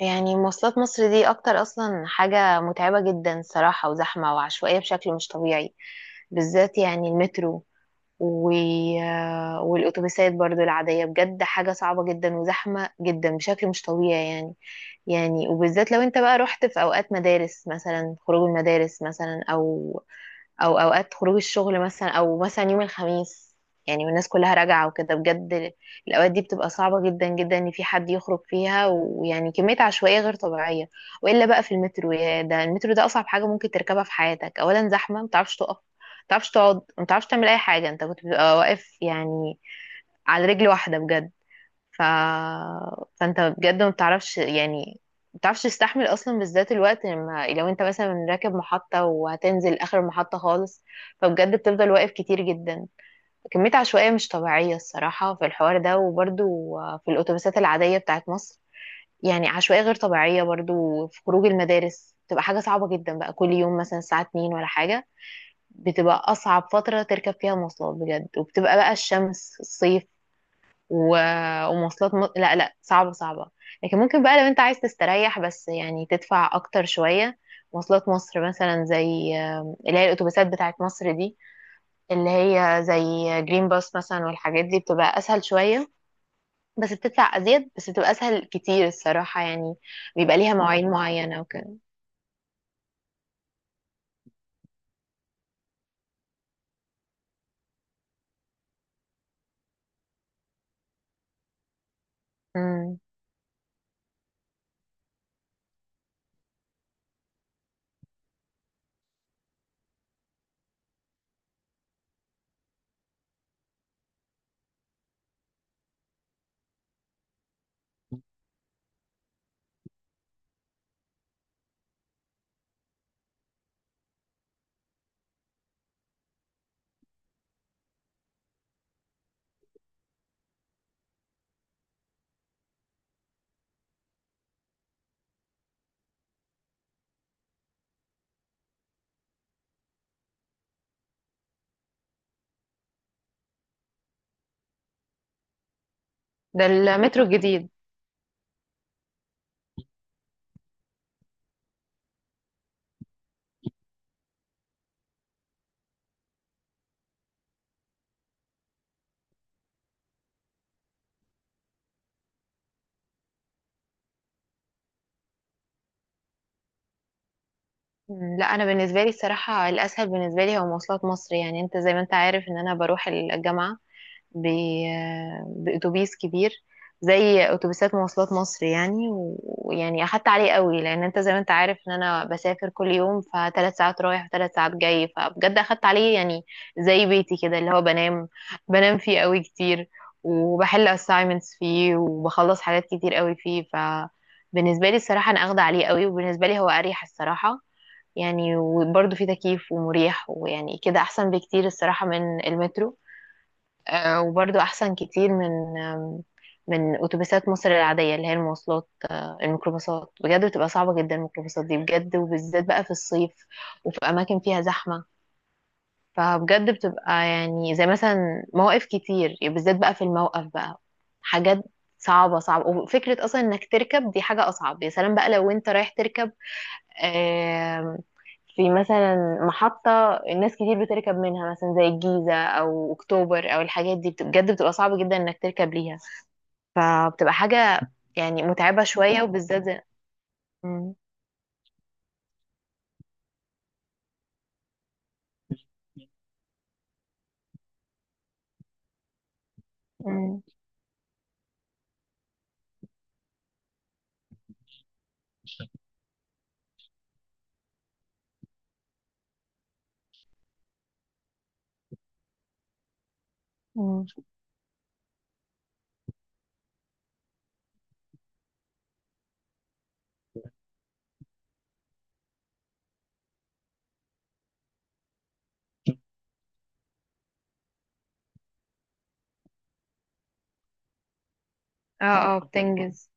يعني مواصلات مصر دي اكتر اصلا حاجة متعبة جدا صراحة وزحمة وعشوائية بشكل مش طبيعي، بالذات يعني المترو و... والاتوبيسات برضو العادية بجد حاجة صعبة جدا وزحمة جدا بشكل مش طبيعي يعني وبالذات لو انت بقى رحت في اوقات مدارس مثلا، خروج المدارس مثلا او اوقات خروج الشغل مثلا، او مثلا يوم الخميس يعني والناس كلها راجعة وكده بجد. الأوقات دي بتبقى صعبة جدا جدا إن في حد يخرج فيها، ويعني كمية عشوائية غير طبيعية. وإلا بقى في المترو، يا ده المترو ده أصعب حاجة ممكن تركبها في حياتك. أولا زحمة، متعرفش تقف، متعرفش تقعد، متعرفش تعمل أي حاجة، أنت كنت بتبقى واقف يعني على رجل واحدة بجد. ف... فانت بجد ما بتعرفش يعني، ما بتعرفش تستحمل اصلا، بالذات الوقت لما لو انت مثلا راكب محطة وهتنزل اخر المحطة خالص، فبجد بتفضل واقف كتير جدا، كمية عشوائية مش طبيعية الصراحة في الحوار ده. وبرضو في الاتوبيسات العادية بتاعت مصر يعني عشوائية غير طبيعية برضو، في خروج المدارس بتبقى حاجة صعبة جدا بقى، كل يوم مثلا الساعة 2 ولا حاجة بتبقى أصعب فترة تركب فيها مواصلات بجد، وبتبقى بقى الشمس، الصيف ومواصلات لا لا، صعبة صعبة. لكن ممكن بقى لو انت عايز تستريح بس، يعني تدفع اكتر شوية. مواصلات مصر مثلا زي اللي هي الاتوبيسات بتاعت مصر دي، اللي هي زي جرين باس مثلا والحاجات دي، بتبقى اسهل شوية، بس بتدفع ازيد، بس بتبقى اسهل كتير الصراحة يعني. بيبقى ليها مواعيد معينة وكده. مم. ده المترو الجديد. مم. لا انا بالنسبه لي الصراحه، الاسهل بالنسبه لي هو مواصلات مصر. يعني انت زي ما انت عارف ان انا بروح الجامعه بأتوبيس كبير، زي أتوبيسات مواصلات مصر يعني ويعني أخدت عليه قوي، لأن أنت زي ما أنت عارف إن أنا بسافر كل يوم، فثلاث ساعات رايح وثلاث ساعات جاي، فبجد أخدت عليه يعني. زي بيتي كده، اللي هو بنام، بنام فيه قوي كتير، وبحل assignments فيه، وبخلص حاجات كتير قوي فيه. فبالنسبة لي الصراحة أنا أخدة عليه قوي، وبالنسبة لي هو أريح الصراحة يعني. وبرضه فيه تكييف ومريح، ويعني كده أحسن بكتير الصراحة من المترو. وبرضو أحسن كتير من من أتوبيسات مصر العادية، اللي هي المواصلات الميكروباصات، بجد بتبقى صعبة جدا الميكروباصات دي بجد، وبالذات بقى في الصيف وفي أماكن فيها زحمة. فبجد بتبقى يعني زي مثلا مواقف كتير يعني، بالذات بقى في الموقف بقى حاجات صعبة صعبة، وفكرة أصلا إنك تركب دي حاجة أصعب. يا سلام بقى لو أنت رايح تركب آم، في مثلا محطة الناس كتير بتركب منها، مثلا زي الجيزة أو أكتوبر أو الحاجات دي، بجد بتبقى صعب جدا إنك تركب ليها، فبتبقى حاجة يعني متعبة شوية، وبالذات مم، مم. مم. اه اه، بتنجز.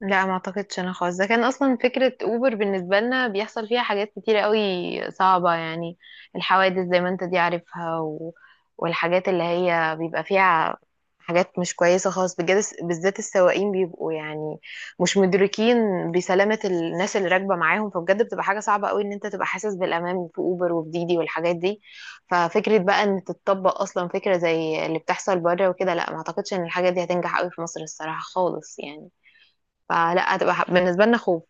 لا ما اعتقدش انا خالص، ده كان اصلا فكرة اوبر بالنسبة لنا بيحصل فيها حاجات كتيرة قوي صعبة يعني، الحوادث زي ما انت دي عارفها والحاجات اللي هي بيبقى فيها حاجات مش كويسة خالص بجد، بالذات السواقين بيبقوا يعني مش مدركين بسلامة الناس اللي راكبة معاهم، فبجد بتبقى حاجة صعبة قوي ان انت تبقى حاسس بالامان في اوبر وفي ديدي والحاجات دي. ففكرة بقى ان تتطبق اصلا فكرة زي اللي بتحصل بره وكده، لا ما اعتقدش ان الحاجات دي هتنجح قوي في مصر الصراحة خالص يعني، فلا هتبقى بالنسبه لنا خوف.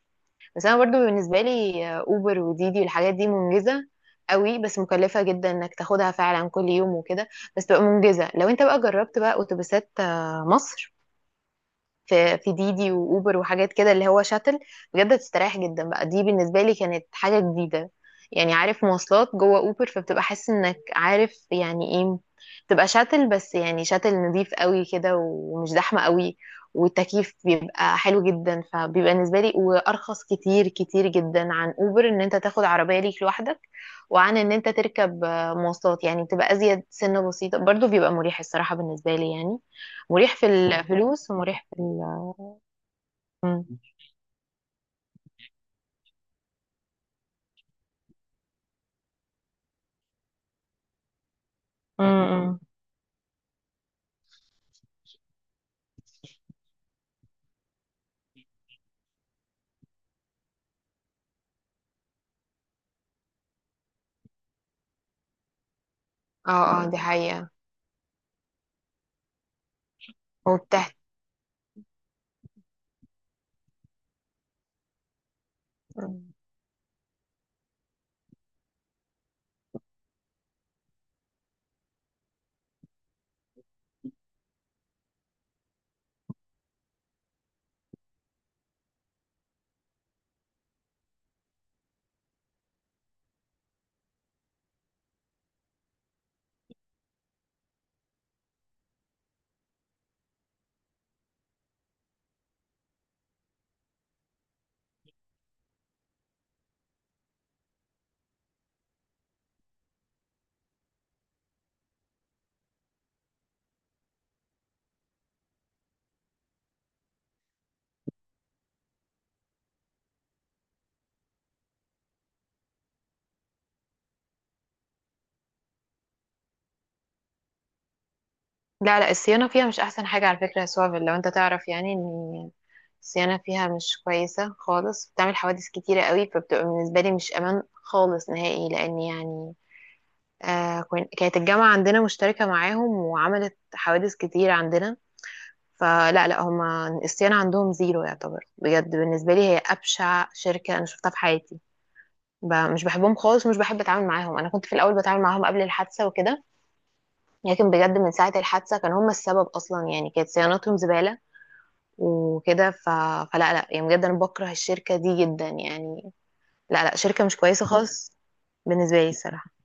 بس انا برضو بالنسبه لي اوبر وديدي والحاجات دي منجزه قوي، بس مكلفه جدا انك تاخدها فعلا كل يوم وكده. بس تبقى منجزه لو انت بقى جربت بقى اتوبيسات مصر، في ديدي واوبر وحاجات كده اللي هو شاتل، بجد بتستريح جدا بقى. دي بالنسبه لي كانت حاجه جديده يعني، عارف مواصلات جوه اوبر، فبتبقى حاسس انك عارف يعني ايه، تبقى شاتل، بس يعني شاتل نظيف قوي كده ومش زحمه قوي، والتكييف بيبقى حلو جدا. فبيبقى بالنسبه لي وارخص كتير كتير جدا عن اوبر ان انت تاخد عربيه ليك لوحدك، وعن ان انت تركب مواصلات، يعني بتبقى ازيد سنه بسيطه، برضو بيبقى مريح الصراحه بالنسبه لي يعني، مريح في الفلوس، ومريح في ال مم. مم. مم. اه اه، دي حقيقة. وبتحت. لا لا، الصيانة فيها مش أحسن حاجة على فكرة يا سوافل، لو أنت تعرف يعني إن الصيانة فيها مش كويسة خالص، بتعمل حوادث كتيرة قوي، فبتبقى بالنسبة لي مش أمان خالص نهائي، لأن يعني كانت الجامعة عندنا مشتركة معاهم، وعملت حوادث كتير عندنا. فلا لا، هما الصيانة عندهم زيرو يعتبر، بجد بالنسبة لي هي أبشع شركة أنا شفتها في حياتي. مش بحبهم خالص، ومش بحب اتعامل معاهم، انا كنت في الاول بتعامل معاهم قبل الحادثه وكده، لكن بجد من ساعه الحادثه كانوا هم السبب اصلا يعني، كانت صيانتهم زباله وكده. فلا لا يعني بجد انا بكره الشركه دي جدا يعني، لا لا شركه مش كويسه خالص بالنسبه لي الصراحه